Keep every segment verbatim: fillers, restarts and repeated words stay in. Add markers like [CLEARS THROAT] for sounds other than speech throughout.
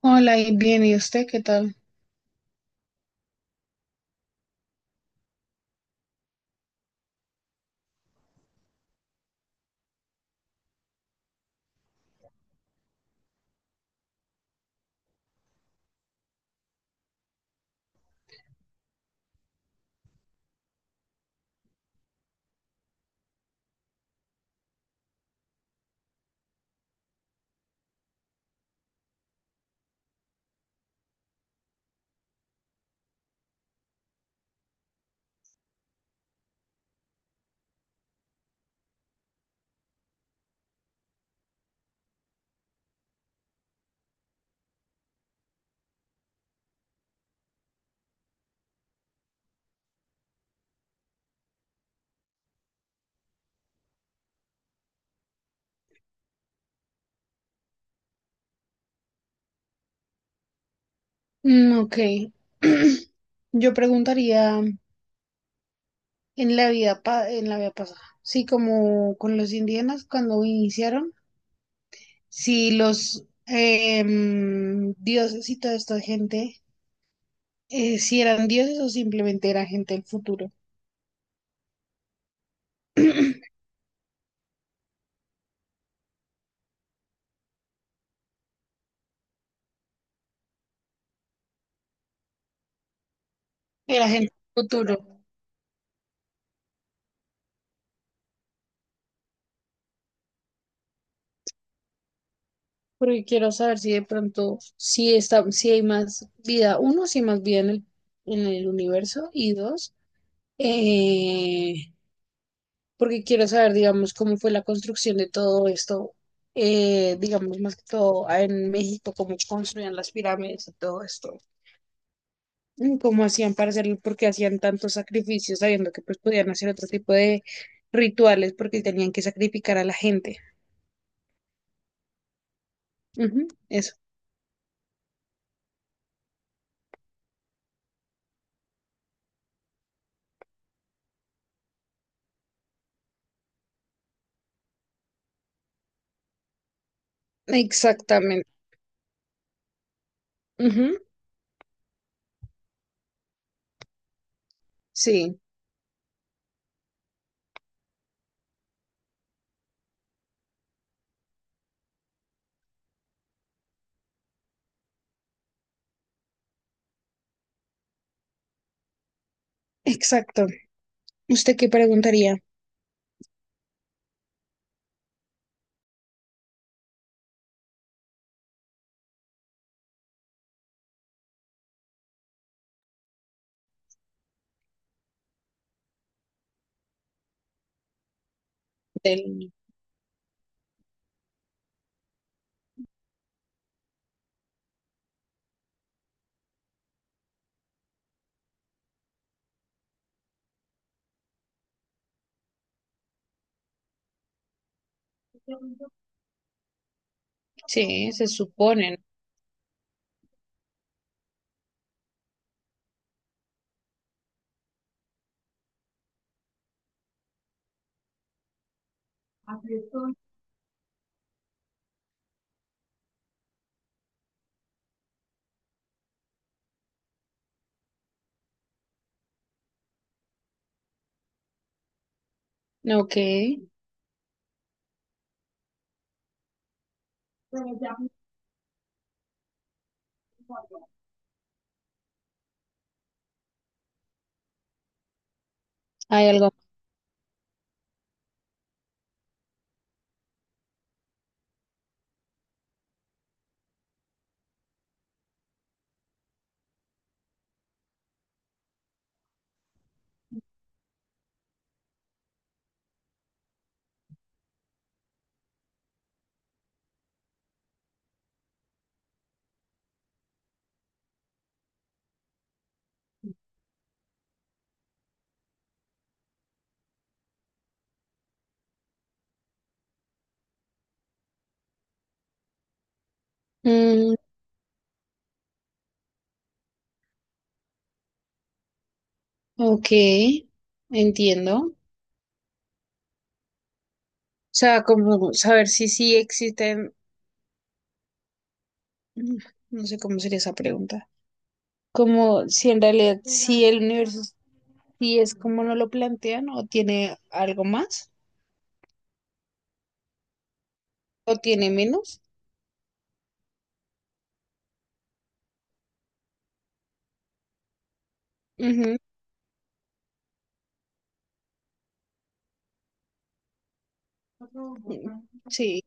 Hola, y bien, ¿y usted qué tal? Mm, ok. [CLEARS THROAT] Yo preguntaría en la vida pa- en la vida pasada, sí, como con los indígenas cuando iniciaron, si los em, dioses y toda esta gente, eh, si eran dioses o simplemente era gente del futuro. [CLEARS THROAT] Era gente del futuro. Porque quiero saber si de pronto, si está, si hay más vida, uno, si hay más vida en el, en el universo, y dos, eh, porque quiero saber, digamos, cómo fue la construcción de todo esto, eh, digamos, más que todo ah, en México, cómo construían las pirámides y todo esto, y cómo hacían para hacerlo, porque hacían tantos sacrificios, sabiendo que pues podían hacer otro tipo de rituales porque tenían que sacrificar a la gente. Ujú, eso. Exactamente. Ujú, sí, exacto. ¿Usted qué preguntaría del... Sí, se supone. ¿No? Ok. Hay algo. Mm, ok, entiendo. O sea, como saber si sí existen, mm, no sé cómo sería esa pregunta. Como si en realidad si el universo sí es como no lo plantean o tiene algo más o tiene menos. Ujú, mm, sí,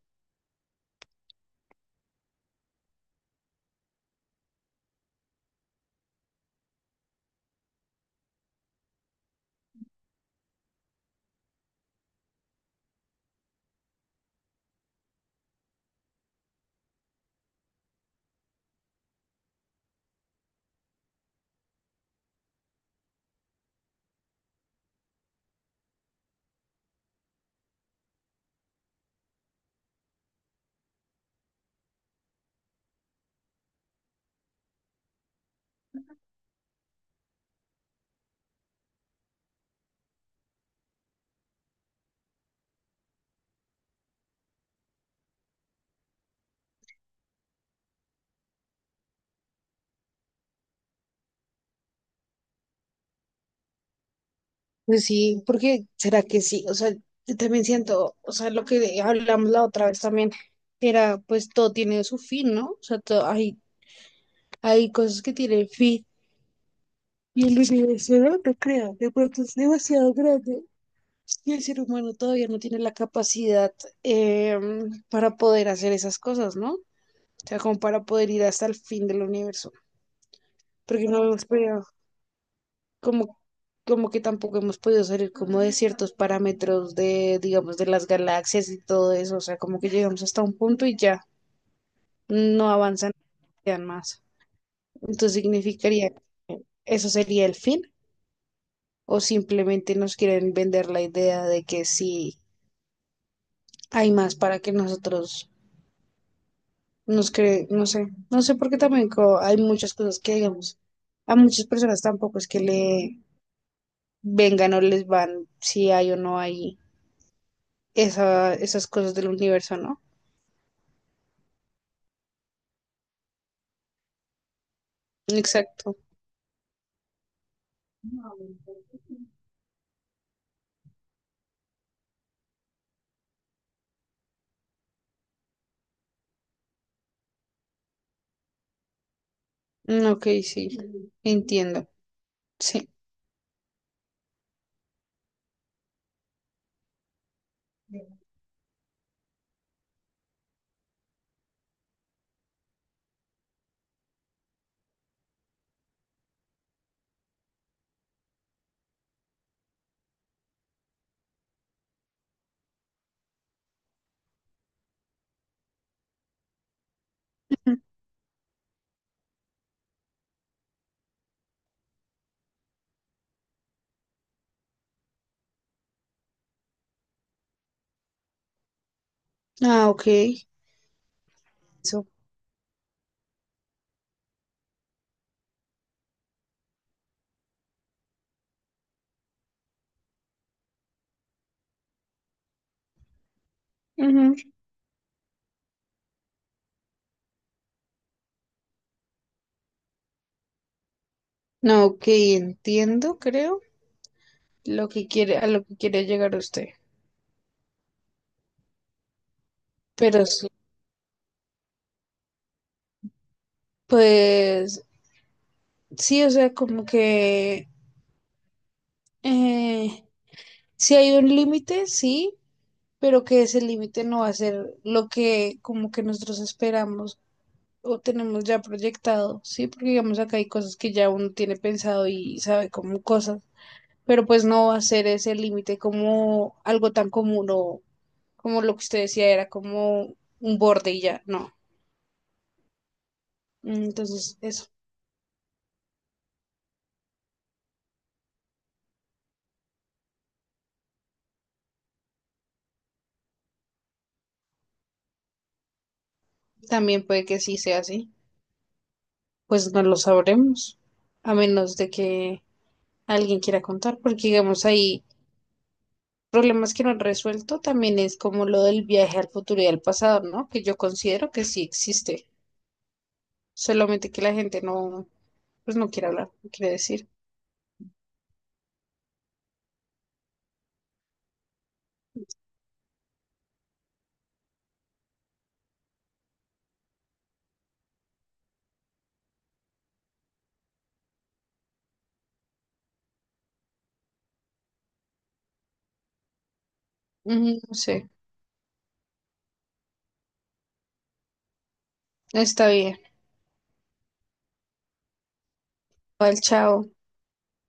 pues sí, porque será que sí, o sea, yo también siento, o sea, lo que hablamos la otra vez también era, pues todo tiene su fin, ¿no? O sea, todo, hay, hay cosas que tienen fin. Y el universo no, lo crea de pronto es demasiado grande y el ser humano todavía no tiene la capacidad em, para poder hacer esas cosas, ¿no? O sea, como para poder ir hasta el fin del universo, porque no hemos podido, como, como que tampoco hemos podido salir como de ciertos parámetros de, digamos, de las galaxias y todo eso, o sea, como que llegamos hasta un punto y ya no avanzan más. Entonces significaría que eso sería el fin. O simplemente nos quieren vender la idea de que sí hay más para que nosotros nos creen, no sé, no sé porque también co- hay muchas cosas que digamos, a muchas personas tampoco es que le vengan o les van si hay o no hay esa, esas cosas del universo, ¿no? Exacto. Mm, ok, sí, entiendo. Sí. [LAUGHS] Ujú. Ah, ok. Eso. Ujú. No, ok, entiendo, creo, lo que quiere, a lo que quiere llegar usted. Pero sí. Pues sí, o sea, como que eh, sí hay un límite, sí, pero que ese límite no va a ser lo que como que nosotros esperamos o tenemos ya proyectado, sí, porque digamos acá hay cosas que ya uno tiene pensado y sabe como cosas, pero pues no va a ser ese límite como algo tan común o como lo que usted decía era como un borde y ya, no. Entonces, eso también puede que sí sea así. Pues no lo sabremos, a menos de que alguien quiera contar, porque digamos hay problemas que no han resuelto también es como lo del viaje al futuro y al pasado, ¿no? Que yo considero que sí existe, solamente que la gente no, pues no quiere hablar, no quiere decir. Ujú, no sé, está bien. Igual, chao.